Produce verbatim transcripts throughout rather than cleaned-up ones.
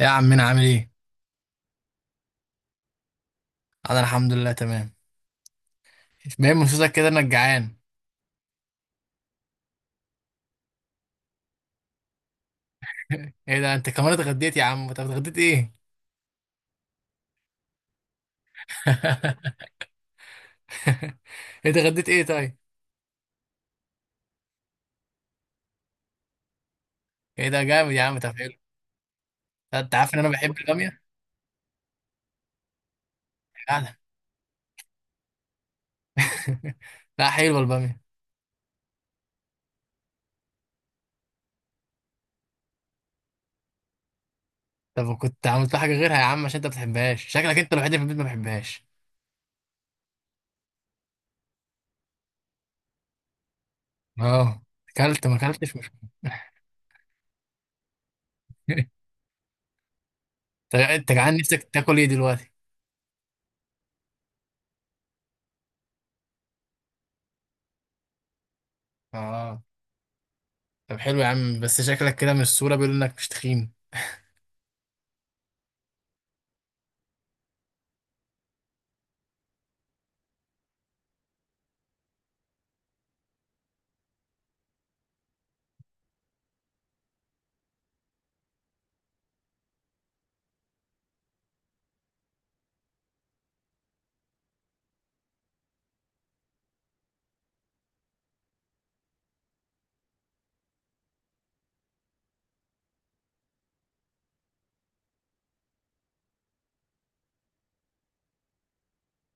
يا عمنا عامل ايه؟ انا الحمد لله تمام. باين من صوتك كده انك جعان. ايه ده انت كمان اتغديت يا عم؟ طب اتغديت ايه؟ انت اتغديت ايه طيب؟ ايه ده جامد يا عم، طب حلو. انت عارف ان انا بحب البامية؟ فعلا. لا حلوة البامية. طب كنت عملت لها حاجة غيرها يا عم عشان انت ما بتحبهاش، شكلك انت الوحيد اللي في البيت ما بحبهاش. اه اكلت ما اكلتش مش مهم. طب انت جعان، نفسك تاكل ايه دلوقتي؟ اه طب حلو يا عم، بس شكلك كده من الصورة بيقول انك مش تخين.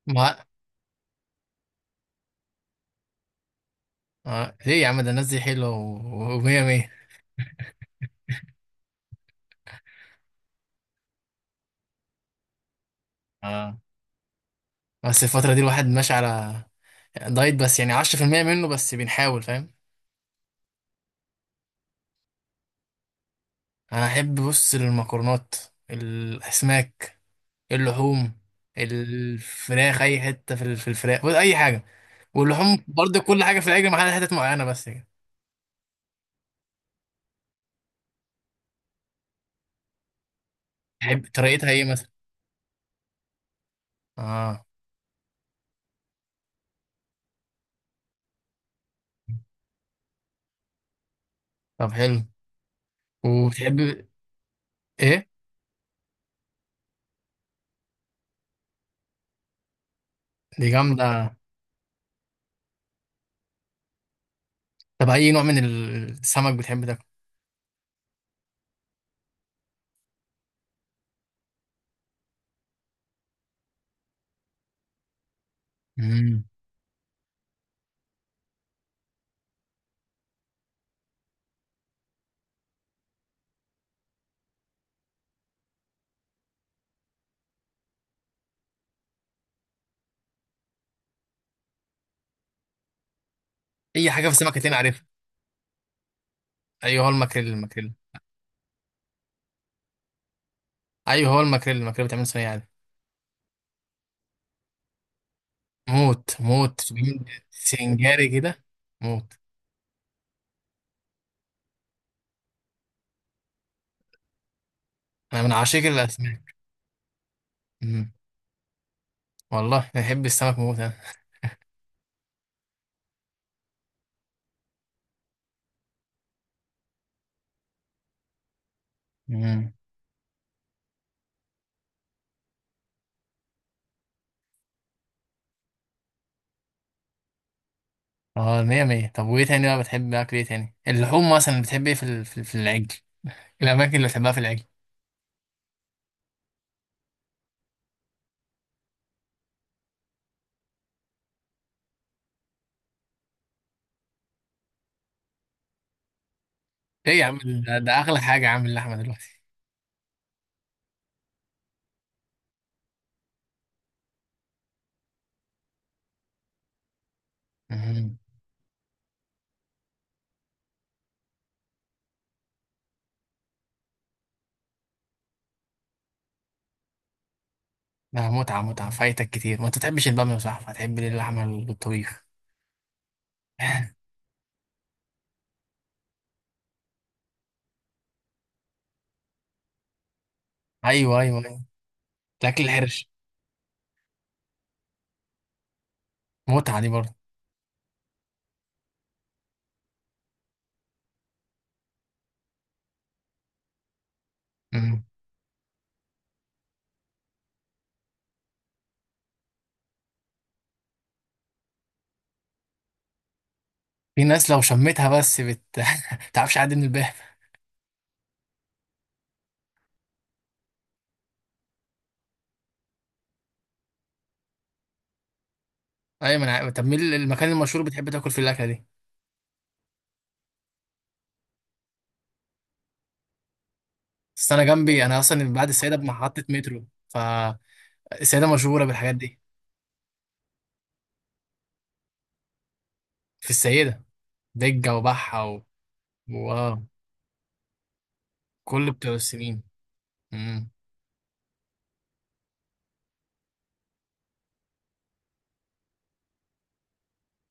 ما آه. ليه يا عم؟ ده الناس دي حلوة و- ومية مية. اه بس الفترة دي الواحد ماشي على دايت، بس يعني عشرة في المية منه بس، بنحاول فاهم. أنا أحب بص المكرونات، الأسماك، اللحوم، الفراخ، أي حتة في ال- في الفراخ بص، أي حاجة. واللحوم برضه، كل حاجة في الأكل ما عدا حتت معينة بس كده. تحب طريقتها إيه مثلا؟ اه طب حلو. وبتحب إيه؟ دي جامدة. طب أي نوع من السمك بتحب تاكل؟ مم. أي حاجة في السمك هتلاقيني عارفها. أيوه هو الماكريل، الماكريل. ايوه هو الماكريل، الماكريل بتعمل صينيه عادي. موت موت، بتعمل سنجاري كده. موت، انا من عشاق الاسماك. أمم. والله انا بحب السمك موت انا. أمم. اه مية مية. طب وايه تاني بقى؟ بتحب اكل ايه تاني؟ اللحوم مثلا، بتحب ايه في ال- في, ال- في العجل؟ الاماكن اللي بتحبها في العجل؟ ايه يا عم ده, ده اغلى حاجه يا عم اللحمه دلوقتي. أمم. ده متعه متعه فايتك كتير. ما انت تحبش الباميه يا صاحبي، هتحب ليه اللحمه بالطبيخ؟ ايوه ايوه ايوه، الاكل الحرش. متعه دي برضه. في ناس لو شمتها بس بت تعرفش، عادي من الباب. ايوه ما انا عارف. طب مين المكان المشهور بتحب تاكل فيه الاكله دي؟ بس انا جنبي، انا اصلا بعد السيده بمحطه مترو، فالسيده مشهوره بالحاجات دي. في السيده دجه وبحه و... واو، كل بتوع السنين. امم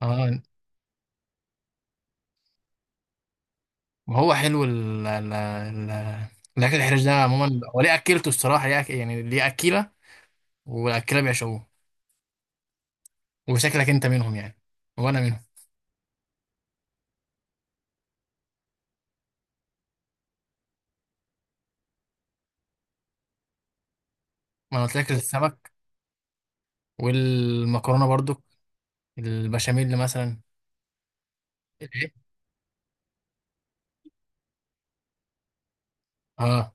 اه. وهو حلو ال... ال... ال... الاكل الحرش ده عموما، هو ليه اكلته الصراحه؟ ليه أك... يعني ليه اكيله؟ والاكيله بيعشقوه، وشكلك انت منهم يعني، وانا منهم. ما انا قلت لك السمك والمكرونه برضو، البشاميل مثلا. الايه؟ اه.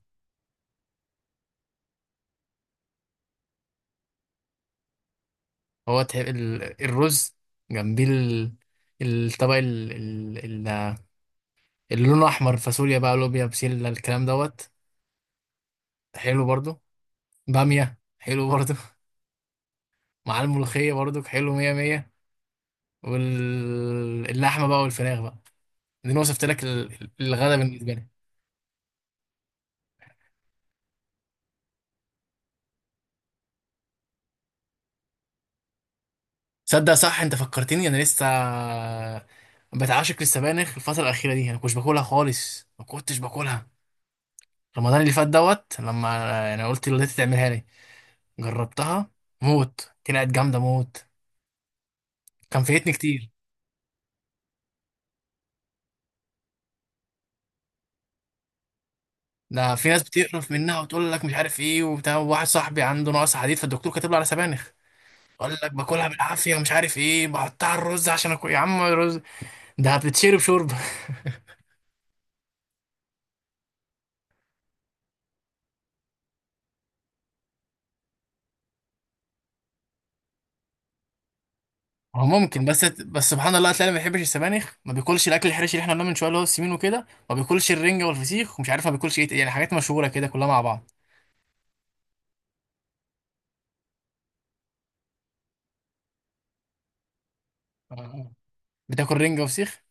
هو تح- ال- الرز، جنبيه ال- الطبق ال- ال- ال- اللي لونه احمر، فاصوليا بقى، لوبيا، بسله، الكلام دوت. حلو برضو، باميه حلو برضو مع الملوخيه برضو حلو مية مية. واللحمه بقى والفراخ بقى، دي انا وصفت لك ال- الغدا بالنسبه لي. صدق صح، انت فكرتني، انا لسه بتعشق للسبانخ. الفتره الاخيره دي انا كنتش باكلها خالص، ما كنتش باكلها رمضان اللي فات دوت. لما يعني قلت لوالدتي تعملها لي، جربتها موت، طلعت جامده موت. كان فايتني كتير. ده في ناس بتقرف منها وتقول لك مش عارف ايه وبتاع. واحد صاحبي عنده نقص حديد، فالدكتور كاتب له على سبانخ. قال لك باكلها بالعافيه، ومش عارف ايه، بحطها على الرز عشان اكل. يا عم الرز ده بتتشرب شوربه. هو ممكن، بس بس سبحان الله، هتلاقي اللي ما بيحبش السبانخ ما بياكلش الاكل الحرش اللي احنا قلناه من شويه، اللي هو السمين وكده، ما بياكلش الرنجه والفسيخ، ومش عارف ما بياكلش ايه تاني، يعني حاجات مشهوره كده كلها مع بعض. آه. بتاكل رنجه وفسيخ؟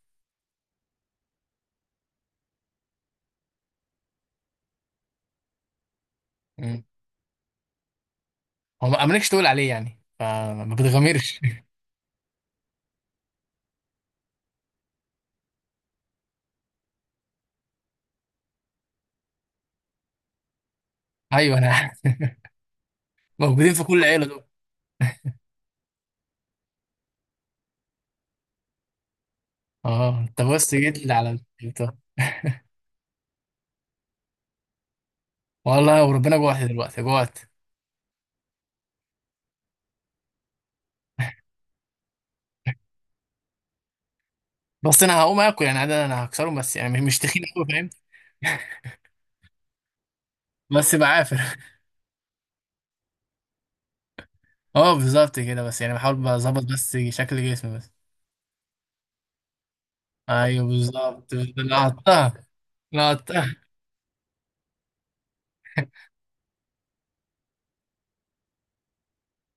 هو ما مالكش تقول عليه يعني، فما بتغامرش. ايوه انا عارف. موجودين في كل عيله دول. اه انت بس جيت لي على البتاع. والله وربنا جوعت دلوقتي، جوعت. بس انا هقوم اكل يعني، عادة انا هكسرهم، بس يعني مش تخين قوي فاهم. بس بعافر. اه بالظبط كده، بس يعني بحاول بظبط بس شكل جسمي بس. ايوه بالظبط لقطتها، لقطتها.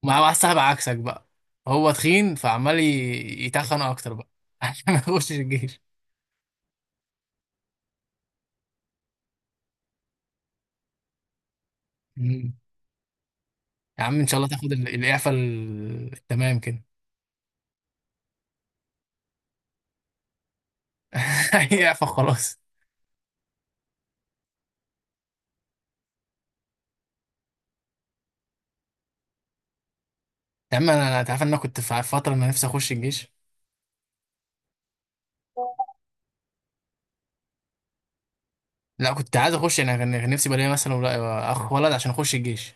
مع واحد صاحب عكسك بقى، هو تخين فعمال ي- يتخن اكتر بقى عشان ما يخشش الجيش. مم. يا عم ان شاء الله تاخد ال- الاعفاء ال- التمام كده. هي فخلاص. يا عم انا أنا- تعرف ان انا كنت في فتره انا نفسي اخش الجيش. لا كنت عايز اخش، انا كان كان نفسي يبقى ليا مثلا ولا- اخ ولد عشان اخش الجيش.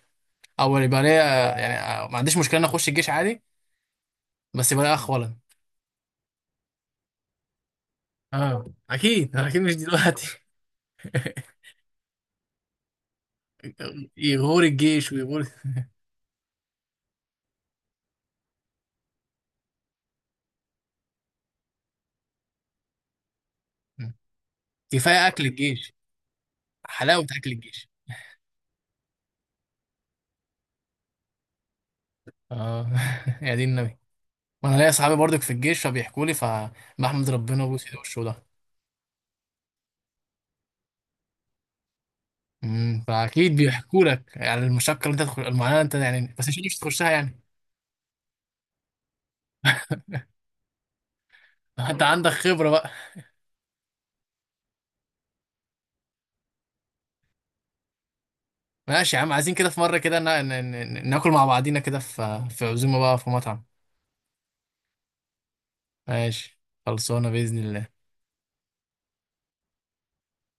او يبقى ليا، يعني ما عنديش مشكله ان اخش الجيش عادي، بس يبقى ليا اخ ولد. اه اكيد اكيد، مش دلوقتي. يغور الجيش ويغور. كفايه اكل الجيش، حلاوه اكل الجيش. اه يا دين النبي. وانا ليا صحابي برضك في الجيش، فبيحكوا لي، فبحمد ربنا وبوس ايده وشه. امم، فاكيد بيحكوا لك يعني المشقه اللي انت تخش، المعاناه اللي انت يعني، بس مش نفسك تخشها يعني. انت عندك خبره بقى. ماشي يا عم، عايزين كده في مره كده نا... نا... نا... ناكل مع بعضينا كده في في عزومه بقى في مطعم. ماشي، خلصانه باذن الله.